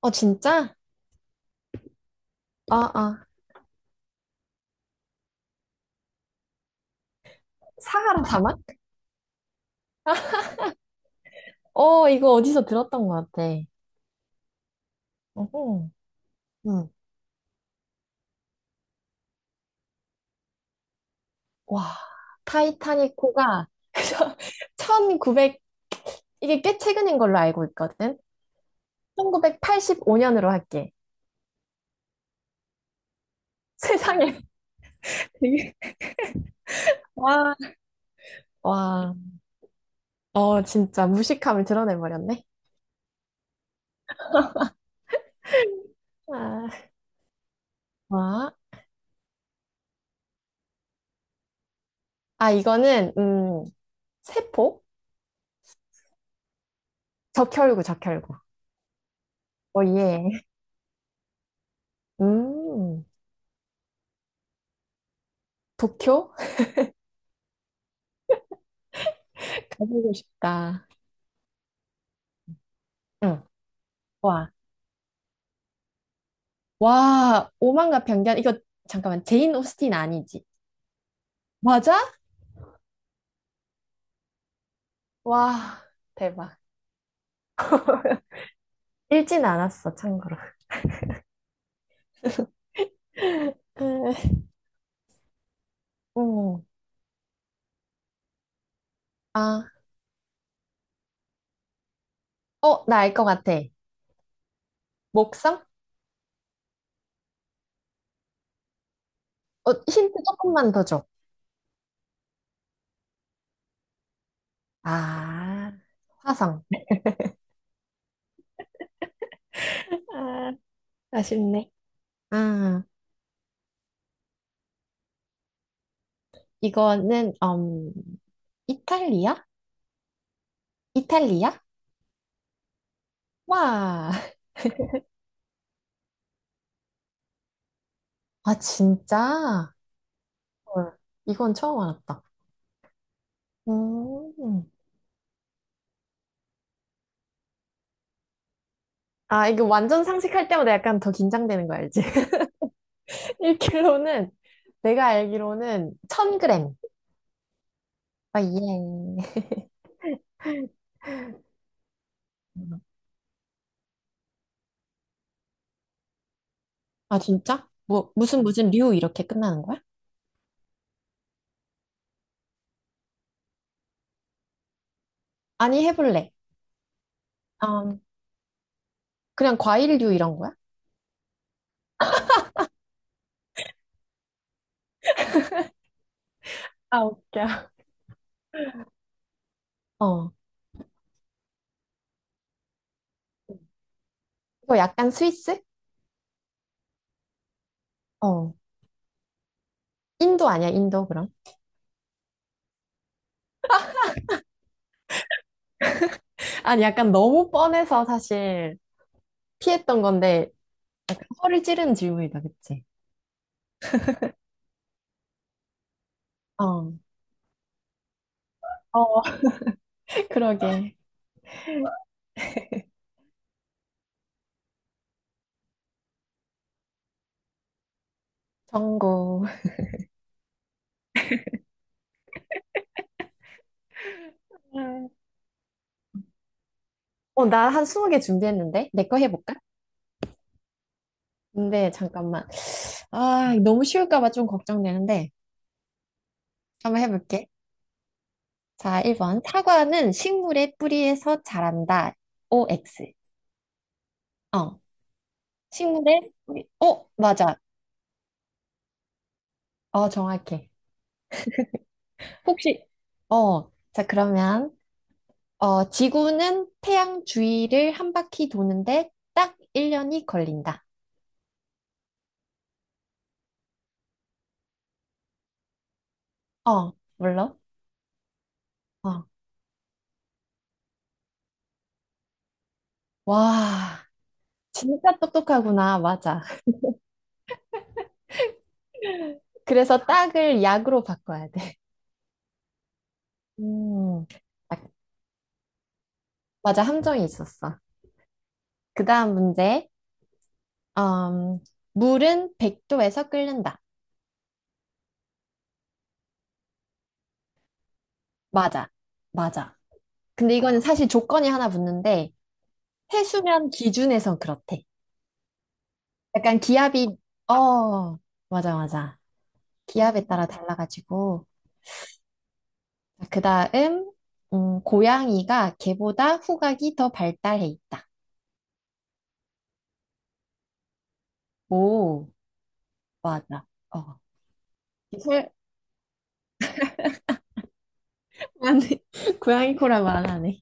어, 진짜? 아, 아. 사하라 사막? 어, 이거 어디서 들었던 것 같아. 어허. 응. 와, 타이타닉 호가 1900, 이게 꽤 최근인 걸로 알고 있거든? 1985년으로 할게. 세상에. 되게- 와, 와. 어, 진짜 무식함을 드러내버렸네. 아, 와. 아, 이거는, 세포? 적혈구, 적혈구. 어, 예. 음, 도쿄? 가보고 싶다. 응. 와, 와, 오만과 편견. 이거 잠깐만, 제인 오스틴 아니지? 맞아? 와, 대박. 읽진 않았어, 참고로. 음, 아, 어, 나 알 것 같아. 목성? 어, 힌트 조금만 더 줘. 아, 화성. 아, 아쉽네. 아, 이거는, 이탈리아? 이탈리아? 와, 아, 진짜? 헐, 이건 처음 알았다. 음, 아, 이거 완전 상식할 때마다 약간 더 긴장되는 거 알지? 1kg는 내가 알기로는 1000g. 아, 예. 아, 진짜? 뭐, 무슨 무슨 류 이렇게 끝나는 거야? 아니, 해볼래. 음, 그냥 과일류 이런 거야? 아, 웃겨. 어. 이거 약간 스위스? 어. 인도 아니야, 인도 그럼? 아니, 약간 너무 뻔해서 사실 피했던 건데, 허를 찌르는 질문이다, 그치? 어. 어. 그러게. 정고. 음. 어, 나 한 20개 준비했는데? 내 거 해볼까? 근데 잠깐만. 아, 너무 쉬울까 봐 좀 걱정되는데. 한번 해볼게. 자, 1번. 사과는 식물의 뿌리에서 자란다. OX. 어, 식물의 뿌리. 어, 맞아. 어, 정확해. 혹시, 어, 자, 그러면, 어, 지구는 태양 주위를 한 바퀴 도는데 딱 1년이 걸린다. 어, 물론. 어, 와, 진짜 똑똑하구나. 맞아. 그래서 딱을 약으로 바꿔야 돼. 음, 딱, 맞아, 함정이 있었어. 그 다음 문제. 음, 물은 100도에서 끓는다. 맞아. 맞아. 근데 이거는 사실 조건이 하나 붙는데, 해수면 기준에선 그렇대. 약간 기압이, 어, 맞아, 맞아. 기압에 따라 달라가지고. 그 다음, 고양이가 개보다 후각이 더 발달해 있다. 오, 맞아. 어. 이 설, 아 고양이 코라고 안 하네.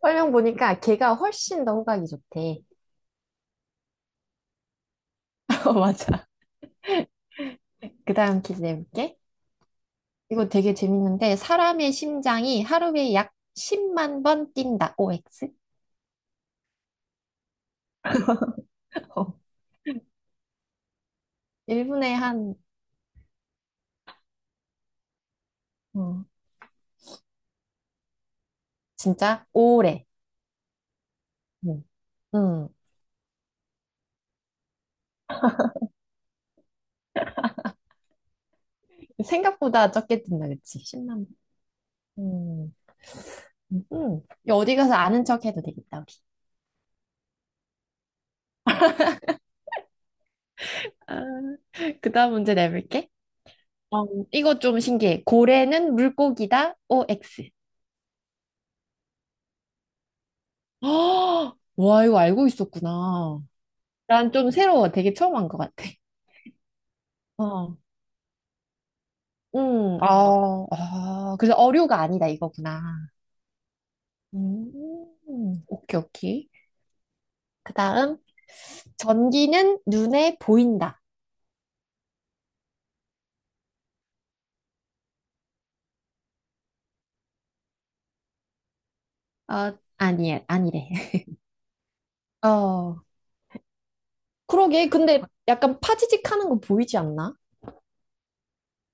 설명 보니까 걔가 훨씬 더 호각이 좋대. 어, 맞아. 그 다음 퀴즈 내볼게. 이거 되게 재밌는데, 사람의 심장이 하루에 약 10만 번 뛴다. OX? 어. 1분에 한, 어. 진짜? 오래. 음. 음. 생각보다 적게 뛴다, 그치? 10만 번. 음. 음. 이거 어디 가서 아는 척 해도 되겠다, 우리. 아, 그 다음 문제 내볼게. 어, 이거 좀 신기해. 고래는 물고기다. OX. 와, 이거 알고 있었구나. 난 좀 새로워. 되게 처음 한 것 같아. 어. 아, 아, 그래서 어류가 아니다 이거구나. 음, 오케이, 오케이. 그 다음, 전기는 눈에 보인다. 어, 아니, 아니래. 어, 그러게. 근데 약간 파지직 하는 거 보이지 않나?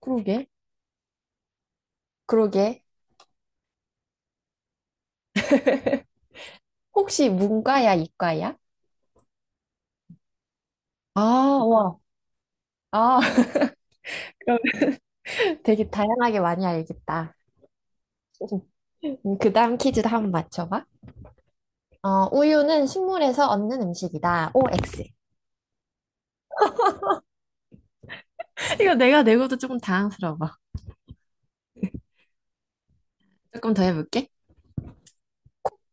그러게. 그러게. 혹시 문과야, 이과야? 아, 와. 아, 그럼 되게 다양하게 많이 알겠다. 그 다음 퀴즈도 한번 맞춰봐. 어, 우유는 식물에서 얻는 음식이다. OX. 이거 내가 내고도 조금 당황스러워. 조금 더 해볼게.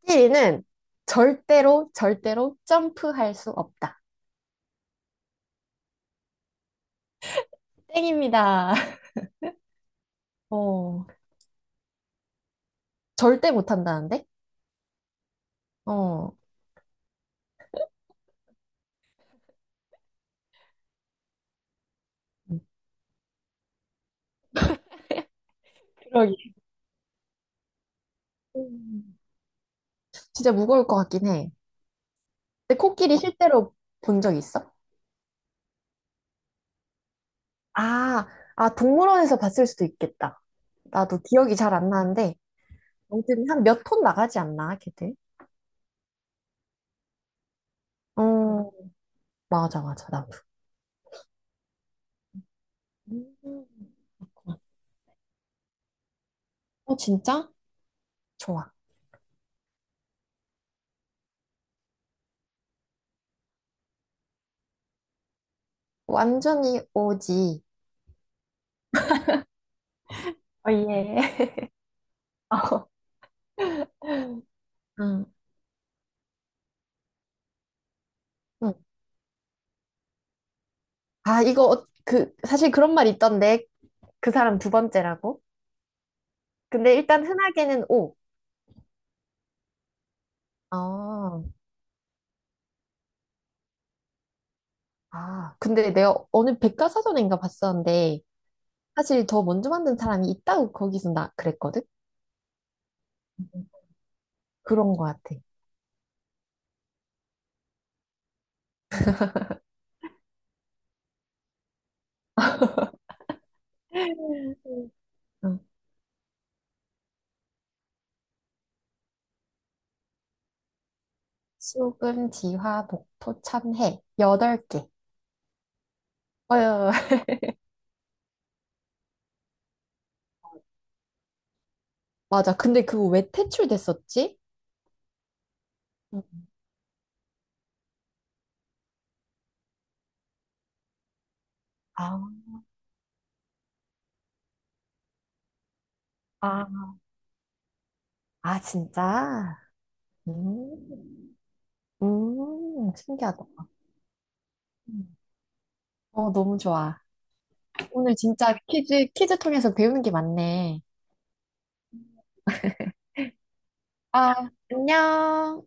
찌리는 절대로, 절대로 점프할 수 없다. 땡입니다. 어, 절대 못한다는데? 어, 그러기. 음. 진짜 무거울 것 같긴 해. 근데 코끼리 실제로 본 적 있어? 아, 아, 동물원에서 봤을 수도 있겠다. 나도 기억이 잘 안 나는데, 아무튼 한 몇 톤 나가지 않나, 걔들? 어, 맞아, 맞아, 나도. 음. 어, 진짜? 좋아. 완전히 오지. 어, 예. 어. 응. 응. 아, 이거, 그, 사실 그런 말 있던데. 그 사람 두 번째라고? 근데 일단 흔하게는 오. 아, 아. 근데 내가 어느 백과사전인가 봤었는데, 사실 더 먼저 만든 사람이 있다고 거기서 나 그랬거든? 음. 그런 것 같아. 음. 응. 수금, 지화, 목토, 참해. 여덟 개. 어 맞아. 근데 그거 왜 퇴출됐었지? 음. 아, 아. 아, 진짜? 음, 신기하다. 음. 어, 너무 좋아. 오늘 진짜 퀴즈, 퀴즈 통해서 배우는 게 많네. 아, 안녕.